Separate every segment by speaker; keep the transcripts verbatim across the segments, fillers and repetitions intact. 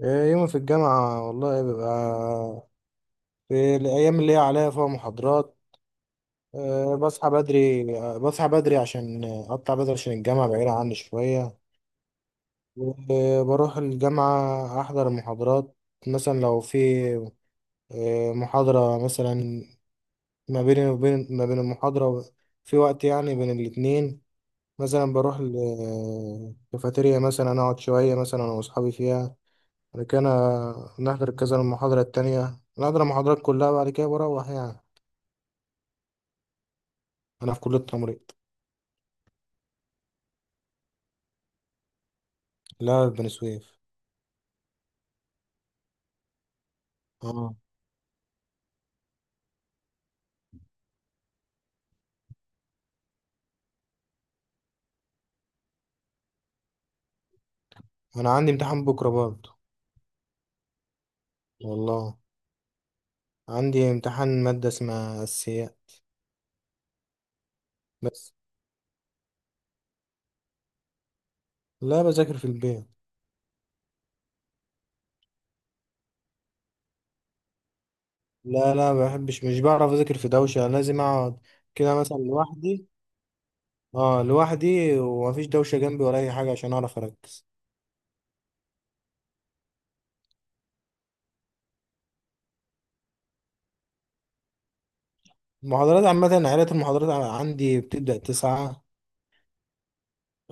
Speaker 1: إيه، يومي في الجامعة والله بيبقى في الأيام اللي هي عليا فيها محاضرات. إيه، بصحى بدري. بصحى بدري عشان أقطع بدري عشان الجامعة بعيدة عني شوية. وبروح الجامعة أحضر المحاضرات. مثلا لو في إيه، محاضرة، مثلا ما بين وبين ما بين المحاضرة و- في وقت يعني بين الاتنين، مثلا بروح الكافيتيريا مثلا أقعد شوية مثلا أنا وأصحابي فيها. بعد كده أنا نحضر كذا المحاضرة التانية، نحضر المحاضرات كلها، بعد كده بروح يعني أنا في كلية تمريض. لا، في بني سويف. اه، أنا عندي امتحان بكرة برضه. والله عندي امتحان مادة اسمها أسياء. بس لا، بذاكر في البيت. لا لا، ما بحبش، مش بعرف أذاكر في دوشة، لازم أقعد كده مثلا لوحدي. اه لوحدي، ومفيش دوشة جنبي ولا أي حاجة عشان أعرف أركز. المحاضرات عامة عائلة المحاضرات عندي بتبدأ تسعة،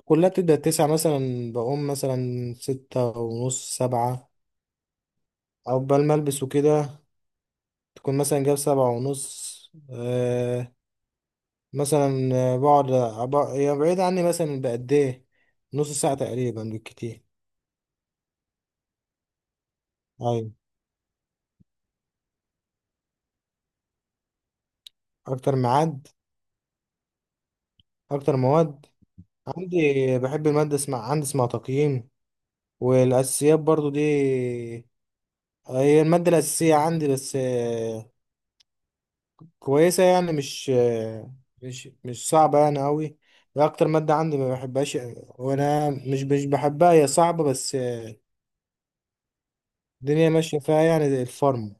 Speaker 1: كلها بتبدأ تسعة. مثلا بقوم مثلا ستة ونص، سبعة، عقبال ما ألبس وكده تكون مثلا جاب سبعة ونص. آه، مثلا آه، بقعد أبع- هي بعيد عني، مثلا بقد إيه، نص ساعة تقريبا بالكتير. أيوة. أكتر ميعاد أكتر مواد عندي بحب المادة اسمها عندي اسمها تقييم، والأساسيات برضو دي هي المادة الأساسية عندي. بس كويسة يعني، مش مش مش صعبة يعني أوي. هي أكتر مادة عندي ما بحبهاش، وأنا مش مش بحبها. هي صعبة بس الدنيا ماشية فيها يعني، زي الفارم.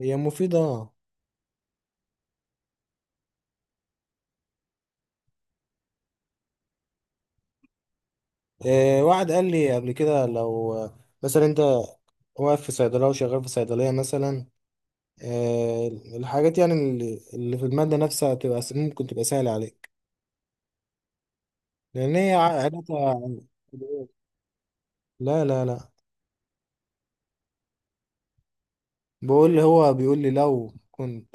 Speaker 1: هي مفيدة آه. آه، واحد قال لي قبل كده لو مثلا أنت واقف في صيدلية وشغال في صيدلية مثلا، آه، الحاجات يعني اللي اللي في المادة نفسها تبقى س- ممكن تبقى سهلة عليك، لأن هي عادتها. لا لا لا، بقول لي، هو بيقول لي لو كنت.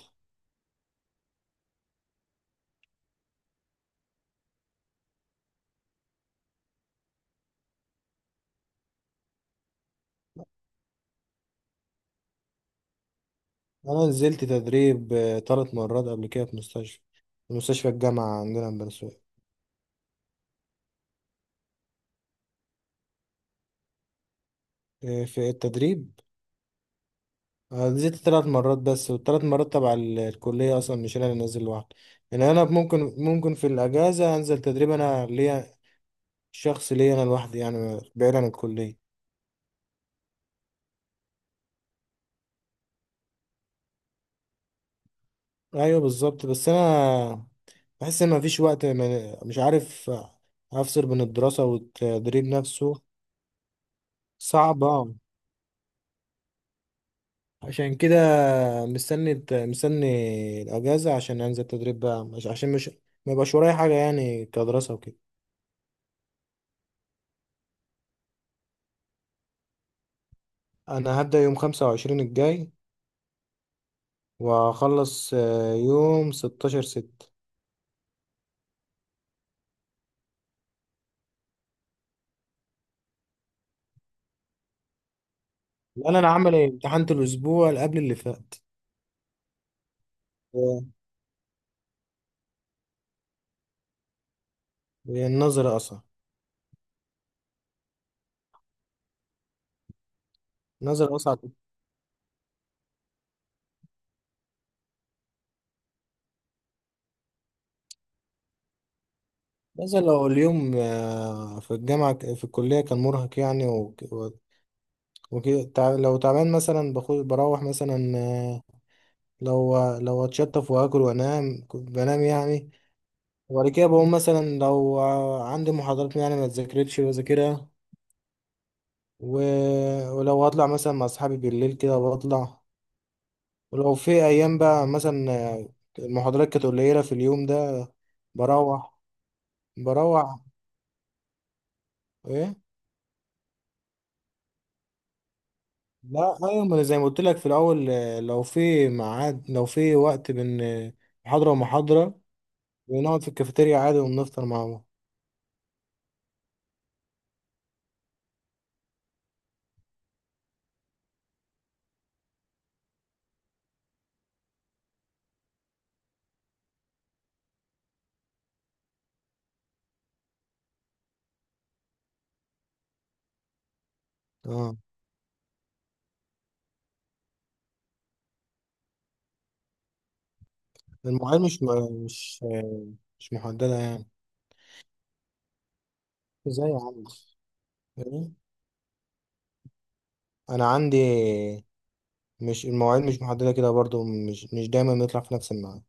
Speaker 1: انا نزلت تدريب آه، تلات مرات قبل كده في مستشفى، في مستشفى الجامعة عندنا في بني سويف. آه، في التدريب، آه، نزلت تلات مرات بس، والتلات مرات تبع ال- الكلية أصلا، مش أنا اللي نازل لوحدي. يعني أنا ممكن ممكن في الأجازة أنزل تدريب أنا ليا شخص، ليا أنا لوحدي يعني بعيد عن الكلية. أيوه بالظبط. بس أنا بحس إن مفيش وقت، من- مش عارف أفصل بين الدراسة والتدريب نفسه. صعب آه. عشان كده مستني الت- مستني الاجازه عشان انزل تدريب بقى، مش عشان مش ما يبقاش ورايا حاجه يعني كدراسه وكده. انا هبدا يوم خمسة وعشرين الجاي، واخلص آه، يوم ستاشر ستة. لا انا عامل إيه؟ امتحنت الاسبوع اللي قبل اللي فات. و- والنظر اصعب. نظر اصعب. نظر لو اليوم آه، في الجامعه ك- في الكليه كان مرهق يعني، وك- وك- وكده تع- لو تعبان مثلا، باخد بروح مثلا آه، لو لو اتشطف واكل وانام، كنت بنام يعني. وبعد كده بقوم، مثلا لو عندي محاضرات يعني ما اتذاكرتش بذاكرها، و... ولو هطلع مثلا مع اصحابي بالليل كده بطلع. ولو في ايام بقى، مثلا المحاضرات كانت قليله في اليوم ده، بروح. بروح ايه؟ لا ايوه، ما أنا زي ما قلت لك في الاول، لو في ميعاد لو في وقت بين محاضره ومحاضره بنقعد في الكافيتيريا عادي، وبنفطر مع بعض. اه. المعاناة مش م- مش مش محددة يعني. ازاي يا عم؟ يعني انا عندي، مش المواعيد مش محددة كده برضو، مش مش دايما بنطلع في نفس الميعاد.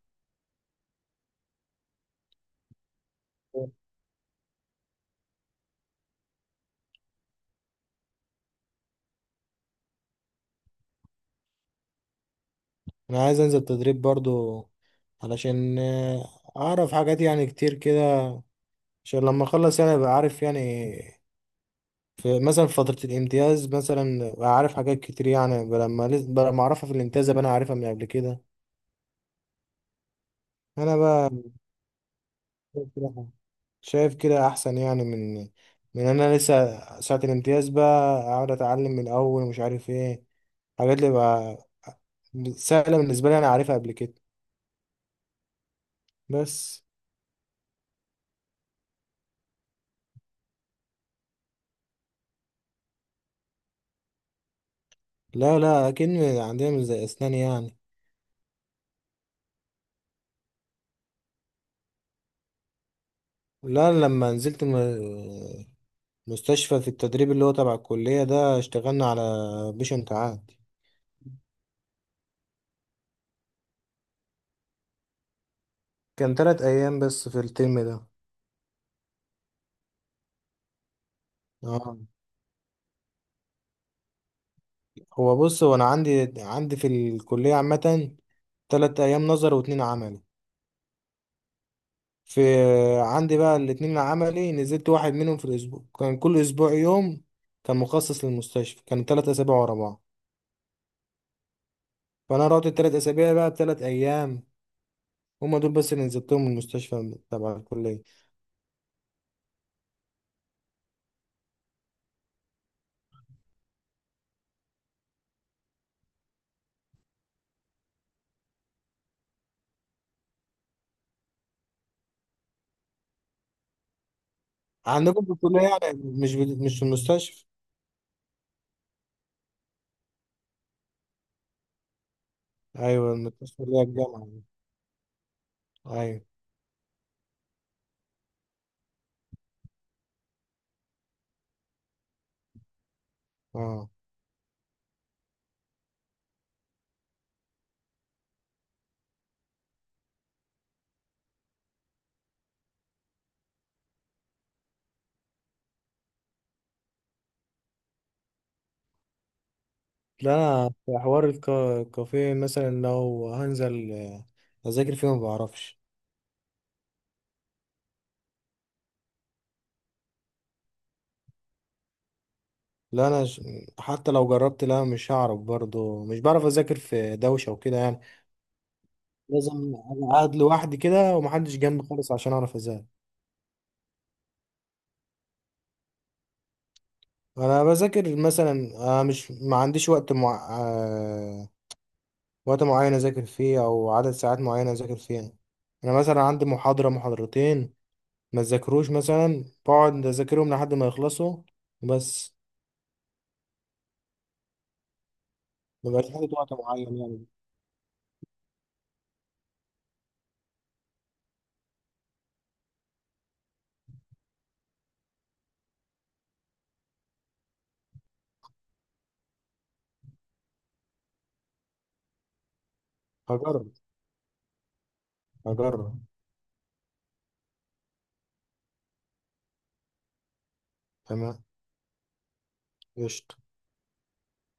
Speaker 1: انا عايز انزل تدريب برضو علشان آه، اعرف حاجات يعني كتير كده، عشان لما اخلص يعني ابقى عارف يعني في مثلا في فترة الامتياز، مثلا ابقى عارف حاجات كتير يعني، لما لما اعرفها في الامتياز ابقى انا عارفها من قبل كده. انا بقى شايف كده احسن، يعني من من انا لسه ساعة الامتياز بقى اقعد اتعلم من الاول، ومش عارف ايه، حاجات اللي بقى سهلة بالنسبة لي انا عارفها قبل كده. بس لا لا، اكيد من- عندنا مش زي اسنان يعني. لا، لما نزلت م- مستشفى في التدريب اللي هو تبع الكلية ده، اشتغلنا على بيشنت عادي. كان تلات ايام بس في الترم ده. اه، هو بص، هو انا عندي عندي في الكلية عامة تلات ايام نظر واتنين عمل. في عندي بقى الاتنين عملي، نزلت واحد منهم في الأسبوع، كان كل أسبوع يوم كان مخصص للمستشفى، كان تلات أسابيع ورا بعض. فأنا رحت التلات أسابيع بقى بتلات أيام، هما دول بس اللي نزلتهم من المستشفى تبع الكلية. عندكم في الكلية يعني، مش بد... مش في المستشفى؟ أيوة، المستشفى اللي هي الجامعة دي. أيوة. أه. لا أنا في حوار الك- الكافيه، مثلا لو هنزل أذاكر فيه ما بعرفش. لا أنا ش- حتى لو جربت، لا مش هعرف برضه، مش بعرف أذاكر في دوشة وكده يعني. لازم أبقى قاعد لوحدي كده ومحدش جنبي خالص عشان اعرف اذاكر. انا بذاكر مثلا آه، مش ما عنديش وقت مع... آه، وقت معين اذاكر فيه او عدد ساعات معينه اذاكر فيها. انا مثلا عندي محاضره محاضرتين ما اذاكروش، مثلا بقعد اذاكرهم لحد ما يخلصوا بس. ما بقاش حاطط وقت معين يعني. هجرب هجرب. تمام. قشطة.